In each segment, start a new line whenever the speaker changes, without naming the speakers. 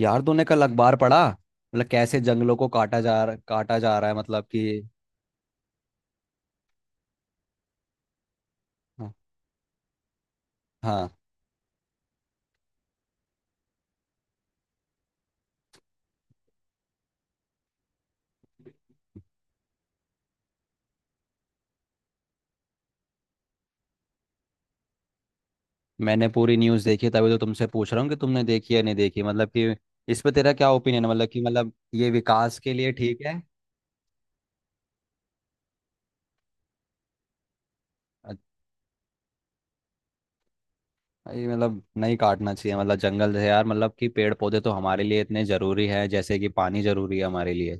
यार तूने कल अखबार पढ़ा, मतलब कैसे जंगलों को काटा जा रहा है, मतलब कि। हाँ। हाँ, मैंने पूरी न्यूज़ देखी, तभी तो तुमसे पूछ रहा हूँ कि तुमने देखी या नहीं देखी, मतलब कि इस पे तेरा क्या ओपिनियन है, मतलब कि मतलब ये विकास के लिए ठीक है। अच्छा, ये मतलब नहीं काटना चाहिए, मतलब जंगल है यार, मतलब कि पेड़ पौधे तो हमारे लिए इतने ज़रूरी है जैसे कि पानी ज़रूरी है हमारे लिए।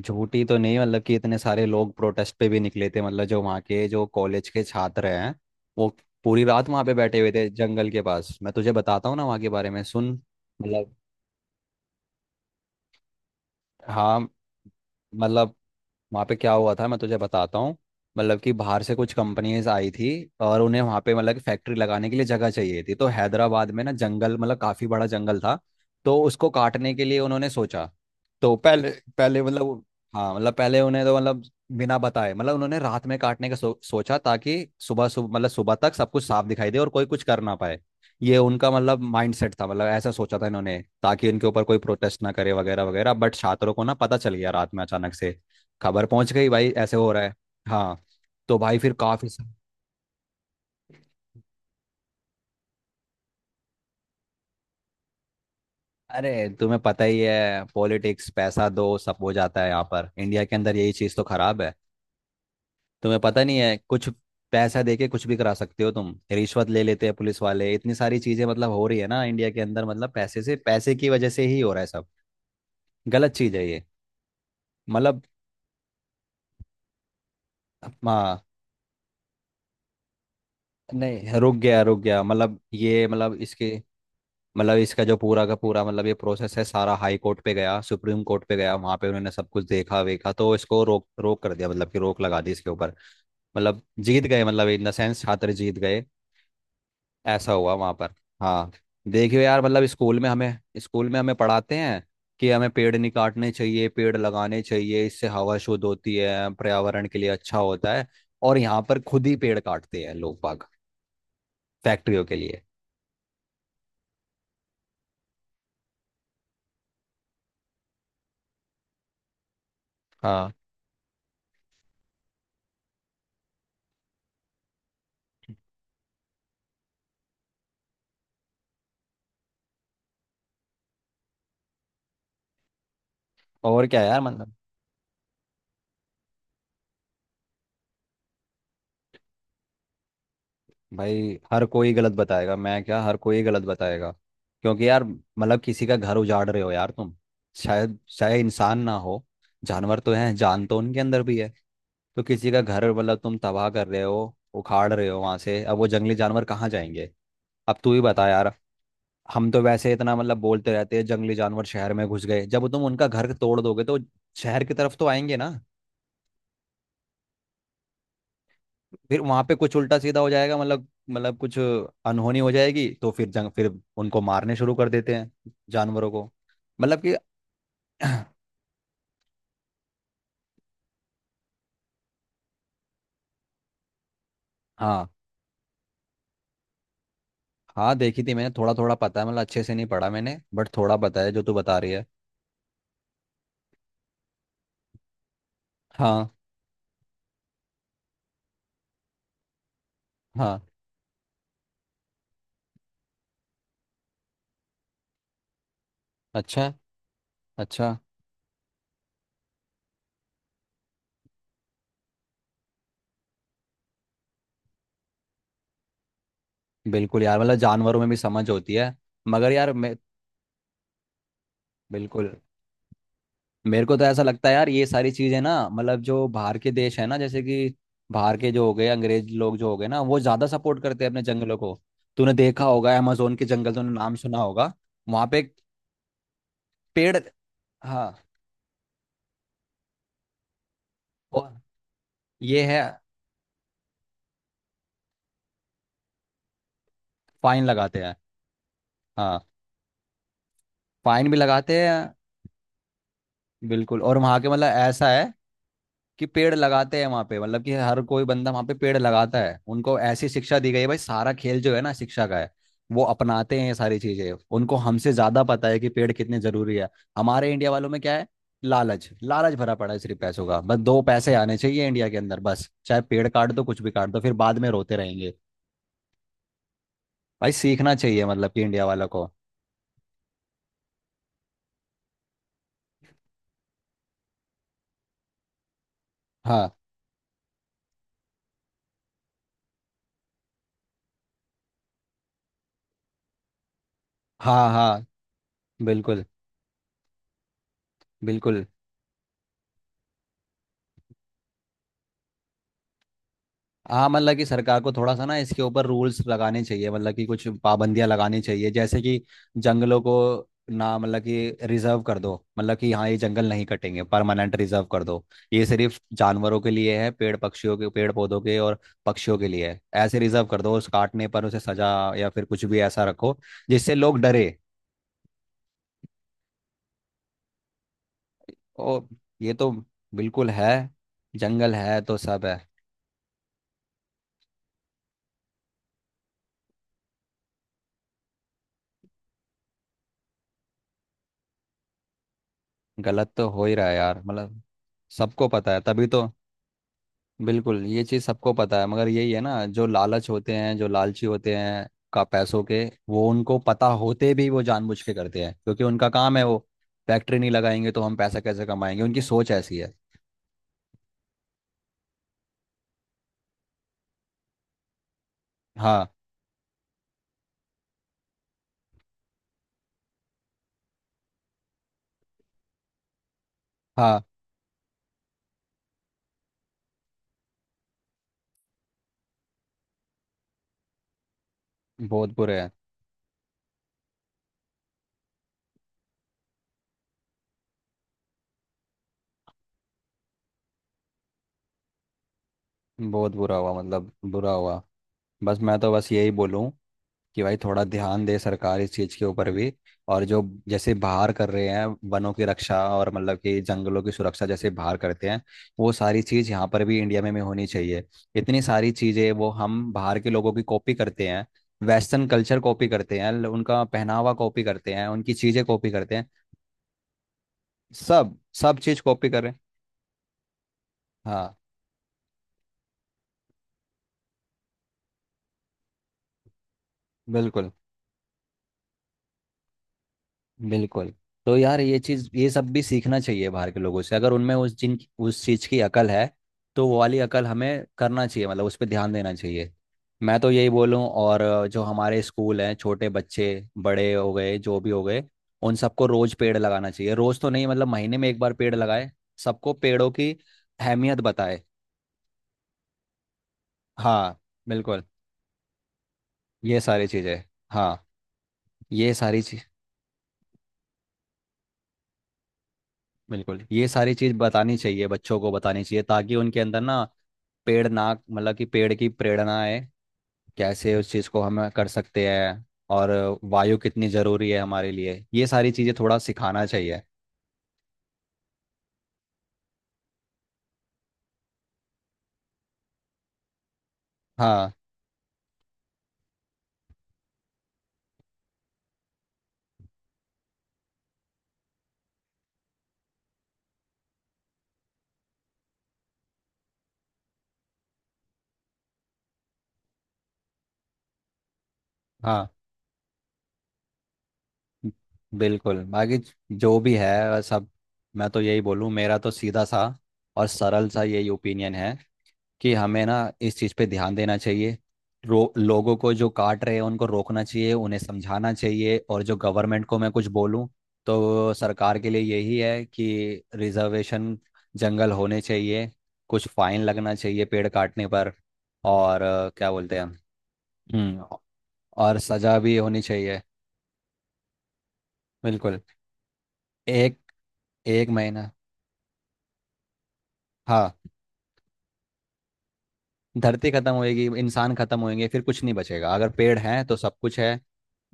झूठी तो नहीं, मतलब कि इतने सारे लोग प्रोटेस्ट पे भी निकले थे, मतलब जो वहाँ के जो कॉलेज के छात्र हैं वो पूरी रात वहाँ पे बैठे हुए थे जंगल के पास। मैं तुझे बताता हूँ ना वहाँ के बारे में, सुन। मतलब हाँ मतलब वहाँ पे क्या हुआ था मैं तुझे बताता हूँ। मतलब कि बाहर से कुछ कंपनीज आई थी, और उन्हें वहाँ पे मतलब फैक्ट्री लगाने के लिए जगह चाहिए थी। तो हैदराबाद में ना जंगल, मतलब काफ़ी बड़ा जंगल था, तो उसको काटने के लिए उन्होंने सोचा। तो पहले पहले मतलब हाँ मतलब पहले उन्हें तो मतलब बिना बताए मतलब उन्होंने रात में काटने का सोचा, ताकि सुबह सुबह मतलब सुबह तक सब कुछ साफ दिखाई दे और कोई कुछ कर ना पाए। ये उनका मतलब माइंड सेट था, मतलब ऐसा सोचा था इन्होंने, ताकि इनके ऊपर कोई प्रोटेस्ट ना करे वगैरह वगैरह। बट छात्रों को ना पता चल गया, रात में अचानक से खबर पहुंच गई भाई ऐसे हो रहा है। हाँ, तो भाई फिर काफी सा-। अरे तुम्हें पता ही है, पॉलिटिक्स पैसा दो सब हो जाता है, यहाँ पर इंडिया के अंदर यही चीज़ तो खराब है। तुम्हें पता नहीं है कुछ। पैसा देके कुछ भी करा सकते हो तुम, रिश्वत ले लेते हैं पुलिस वाले। इतनी सारी चीजें मतलब हो रही है ना इंडिया के अंदर, मतलब पैसे से पैसे की वजह से ही हो रहा है सब। गलत चीज है ये, मतलब। हाँ नहीं, रुक गया मतलब ये मतलब इसके मतलब इसका जो पूरा का पूरा मतलब ये प्रोसेस है सारा। हाई कोर्ट पे गया, सुप्रीम कोर्ट पे गया, वहां पे उन्होंने सब कुछ देखा वेखा, तो इसको रोक रोक कर दिया, मतलब कि रोक लगा दी इसके ऊपर। मतलब जीत गए, मतलब इन द सेंस छात्र जीत गए, ऐसा हुआ वहां पर। हाँ। देखियो यार, मतलब स्कूल में हमें पढ़ाते हैं कि हमें पेड़ नहीं काटने चाहिए, पेड़ लगाने चाहिए, इससे हवा शुद्ध होती है, पर्यावरण के लिए अच्छा होता है। और यहाँ पर खुद ही पेड़ काटते हैं लोग बाग, फैक्ट्रियों के लिए। हाँ और क्या यार, मतलब। भाई हर कोई गलत बताएगा, मैं क्या, हर कोई गलत बताएगा। क्योंकि यार मतलब किसी का घर उजाड़ रहे हो यार तुम। शायद चाहे इंसान ना हो, जानवर तो हैं, जान तो उनके अंदर भी है। तो किसी का घर मतलब तुम तबाह कर रहे हो, उखाड़ रहे हो वहां से। अब वो जंगली जानवर कहाँ जाएंगे, अब तू ही बता यार। हम तो वैसे इतना मतलब बोलते रहते हैं जंगली जानवर शहर में घुस गए, जब तुम उनका घर तोड़ दोगे तो शहर की तरफ तो आएंगे ना। फिर वहां पे कुछ उल्टा सीधा हो जाएगा, मतलब मतलब कुछ अनहोनी हो जाएगी, तो फिर जंग फिर उनको मारने शुरू कर देते हैं, जानवरों को, मतलब कि। हाँ। हाँ देखी थी मैंने, थोड़ा थोड़ा पता है, मतलब अच्छे से नहीं पढ़ा मैंने, बट थोड़ा पता है जो तू बता रही है। हाँ। हाँ। अच्छा, अच्छा। बिल्कुल यार, मतलब जानवरों में भी समझ होती है, मगर यार मैं। बिल्कुल। मेरे को तो ऐसा लगता है यार, ये सारी चीजें ना मतलब जो बाहर के देश है ना, जैसे कि बाहर के जो हो गए अंग्रेज लोग जो हो गए ना, वो ज्यादा सपोर्ट करते हैं अपने जंगलों को। तूने देखा होगा, अमेजोन के जंगल, तूने नाम सुना होगा। वहां पे एक पेड़। हाँ और ये है। फाइन लगाते हैं। हाँ फाइन भी लगाते हैं। बिल्कुल, और वहां के मतलब ऐसा है कि पेड़ लगाते हैं वहां पे, मतलब कि हर कोई बंदा वहां पे पेड़ लगाता है, उनको ऐसी शिक्षा दी गई है। भाई सारा खेल जो है ना शिक्षा का है। वो अपनाते हैं ये सारी चीजें, उनको हमसे ज्यादा पता है कि पेड़ कितने जरूरी है। हमारे इंडिया वालों में क्या है, लालच, लालच भरा पड़ा है, सिर्फ पैसों का। बस दो पैसे आने चाहिए इंडिया के अंदर, बस, चाहे पेड़ काट दो, कुछ भी काट दो, फिर बाद में रोते रहेंगे। भाई सीखना चाहिए, मतलब कि इंडिया वालों को। हाँ, हाँ, हाँ, बिल्कुल। बिल्कुल। हाँ, मतलब कि सरकार को थोड़ा सा ना इसके ऊपर रूल्स लगाने चाहिए, मतलब कि कुछ पाबंदियां लगानी चाहिए। जैसे कि जंगलों को ना, मतलब कि रिजर्व कर दो, मतलब कि हाँ ये जंगल नहीं कटेंगे, परमानेंट रिजर्व कर दो। ये सिर्फ जानवरों के लिए है, पेड़ पक्षियों के, पेड़ पौधों के और पक्षियों के लिए है, ऐसे रिजर्व कर दो। उस काटने पर उसे सजा, या फिर कुछ भी ऐसा रखो जिससे लोग डरे। ओ, ये तो बिल्कुल है, जंगल है तो सब है। गलत तो हो ही रहा है यार, मतलब सबको पता है तभी तो। बिल्कुल ये चीज़ सबको पता है, मगर यही है ना, जो लालच होते हैं, जो लालची होते हैं, का पैसों के, वो उनको पता होते भी वो जानबूझ के करते हैं, क्योंकि उनका काम है वो। फैक्ट्री नहीं लगाएंगे तो हम पैसा कैसे कमाएंगे, उनकी सोच ऐसी है। हाँ। हाँ, बहुत बुरे हैं। बहुत बुरा हुआ, मतलब बुरा हुआ। बस मैं तो बस यही बोलूँ कि भाई थोड़ा ध्यान दे सरकार इस चीज़ के ऊपर भी। और जो जैसे बाहर कर रहे हैं वनों की रक्षा, और मतलब कि जंगलों की सुरक्षा जैसे बाहर करते हैं, वो सारी चीज़ यहाँ पर भी इंडिया में भी होनी चाहिए। इतनी सारी चीज़ें वो हम बाहर के लोगों की कॉपी करते हैं, वेस्टर्न कल्चर कॉपी करते हैं, उनका पहनावा कॉपी करते हैं, उनकी चीज़ें कॉपी करते हैं, सब सब चीज़ कॉपी कर रहे हैं। हाँ, बिल्कुल। बिल्कुल। तो यार ये चीज, ये सब भी सीखना चाहिए बाहर के लोगों से, अगर उनमें उस जिन उस चीज की अकल है, तो वो वाली अकल हमें करना चाहिए, मतलब उस पर ध्यान देना चाहिए। मैं तो यही बोलूँ। और जो हमारे स्कूल हैं, छोटे बच्चे, बड़े हो गए जो भी हो गए, उन सबको रोज पेड़ लगाना चाहिए। रोज तो नहीं, मतलब महीने में एक बार पेड़ लगाए, सबको पेड़ों की अहमियत बताए। हाँ बिल्कुल, ये सारी चीजें। हाँ, ये सारी चीज़। बिल्कुल, ये सारी चीज बतानी चाहिए, बच्चों को बतानी चाहिए, ताकि उनके अंदर ना पेड़ ना मतलब कि पेड़ की प्रेरणा है, कैसे उस चीज को हम कर सकते हैं। और वायु कितनी जरूरी है हमारे लिए, ये सारी चीजें थोड़ा सिखाना चाहिए। हाँ, हाँ बिल्कुल, बाकी जो भी है सब। मैं तो यही बोलूँ, मेरा तो सीधा सा और सरल सा यही ओपिनियन है कि हमें ना इस चीज़ पे ध्यान देना चाहिए। लोगों को जो काट रहे हैं उनको रोकना चाहिए, उन्हें समझाना चाहिए। और जो गवर्नमेंट को मैं कुछ बोलूं, तो सरकार के लिए यही है कि रिजर्वेशन जंगल होने चाहिए, कुछ फाइन लगना चाहिए पेड़ काटने पर। और क्या बोलते हैं। हम्म। और सजा भी होनी चाहिए। बिल्कुल। एक एक महीना, हाँ, धरती खत्म होएगी, इंसान खत्म होएंगे, फिर कुछ नहीं बचेगा। अगर पेड़ हैं तो सब कुछ है,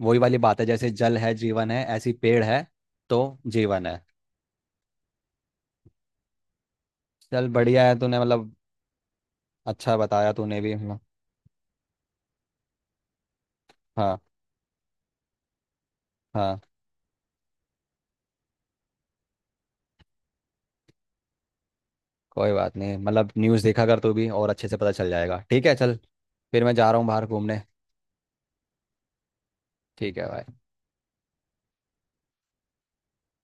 वही वाली बात है, जैसे जल है जीवन है, ऐसी पेड़ है तो जीवन है। चल बढ़िया है, तूने मतलब अच्छा बताया तूने भी। हाँ, हाँ, हाँ, कोई बात नहीं, मतलब न्यूज़ देखा कर तू भी, और अच्छे से पता चल जाएगा। ठीक है, चल, फिर मैं जा रहा हूँ बाहर घूमने। ठीक है भाई।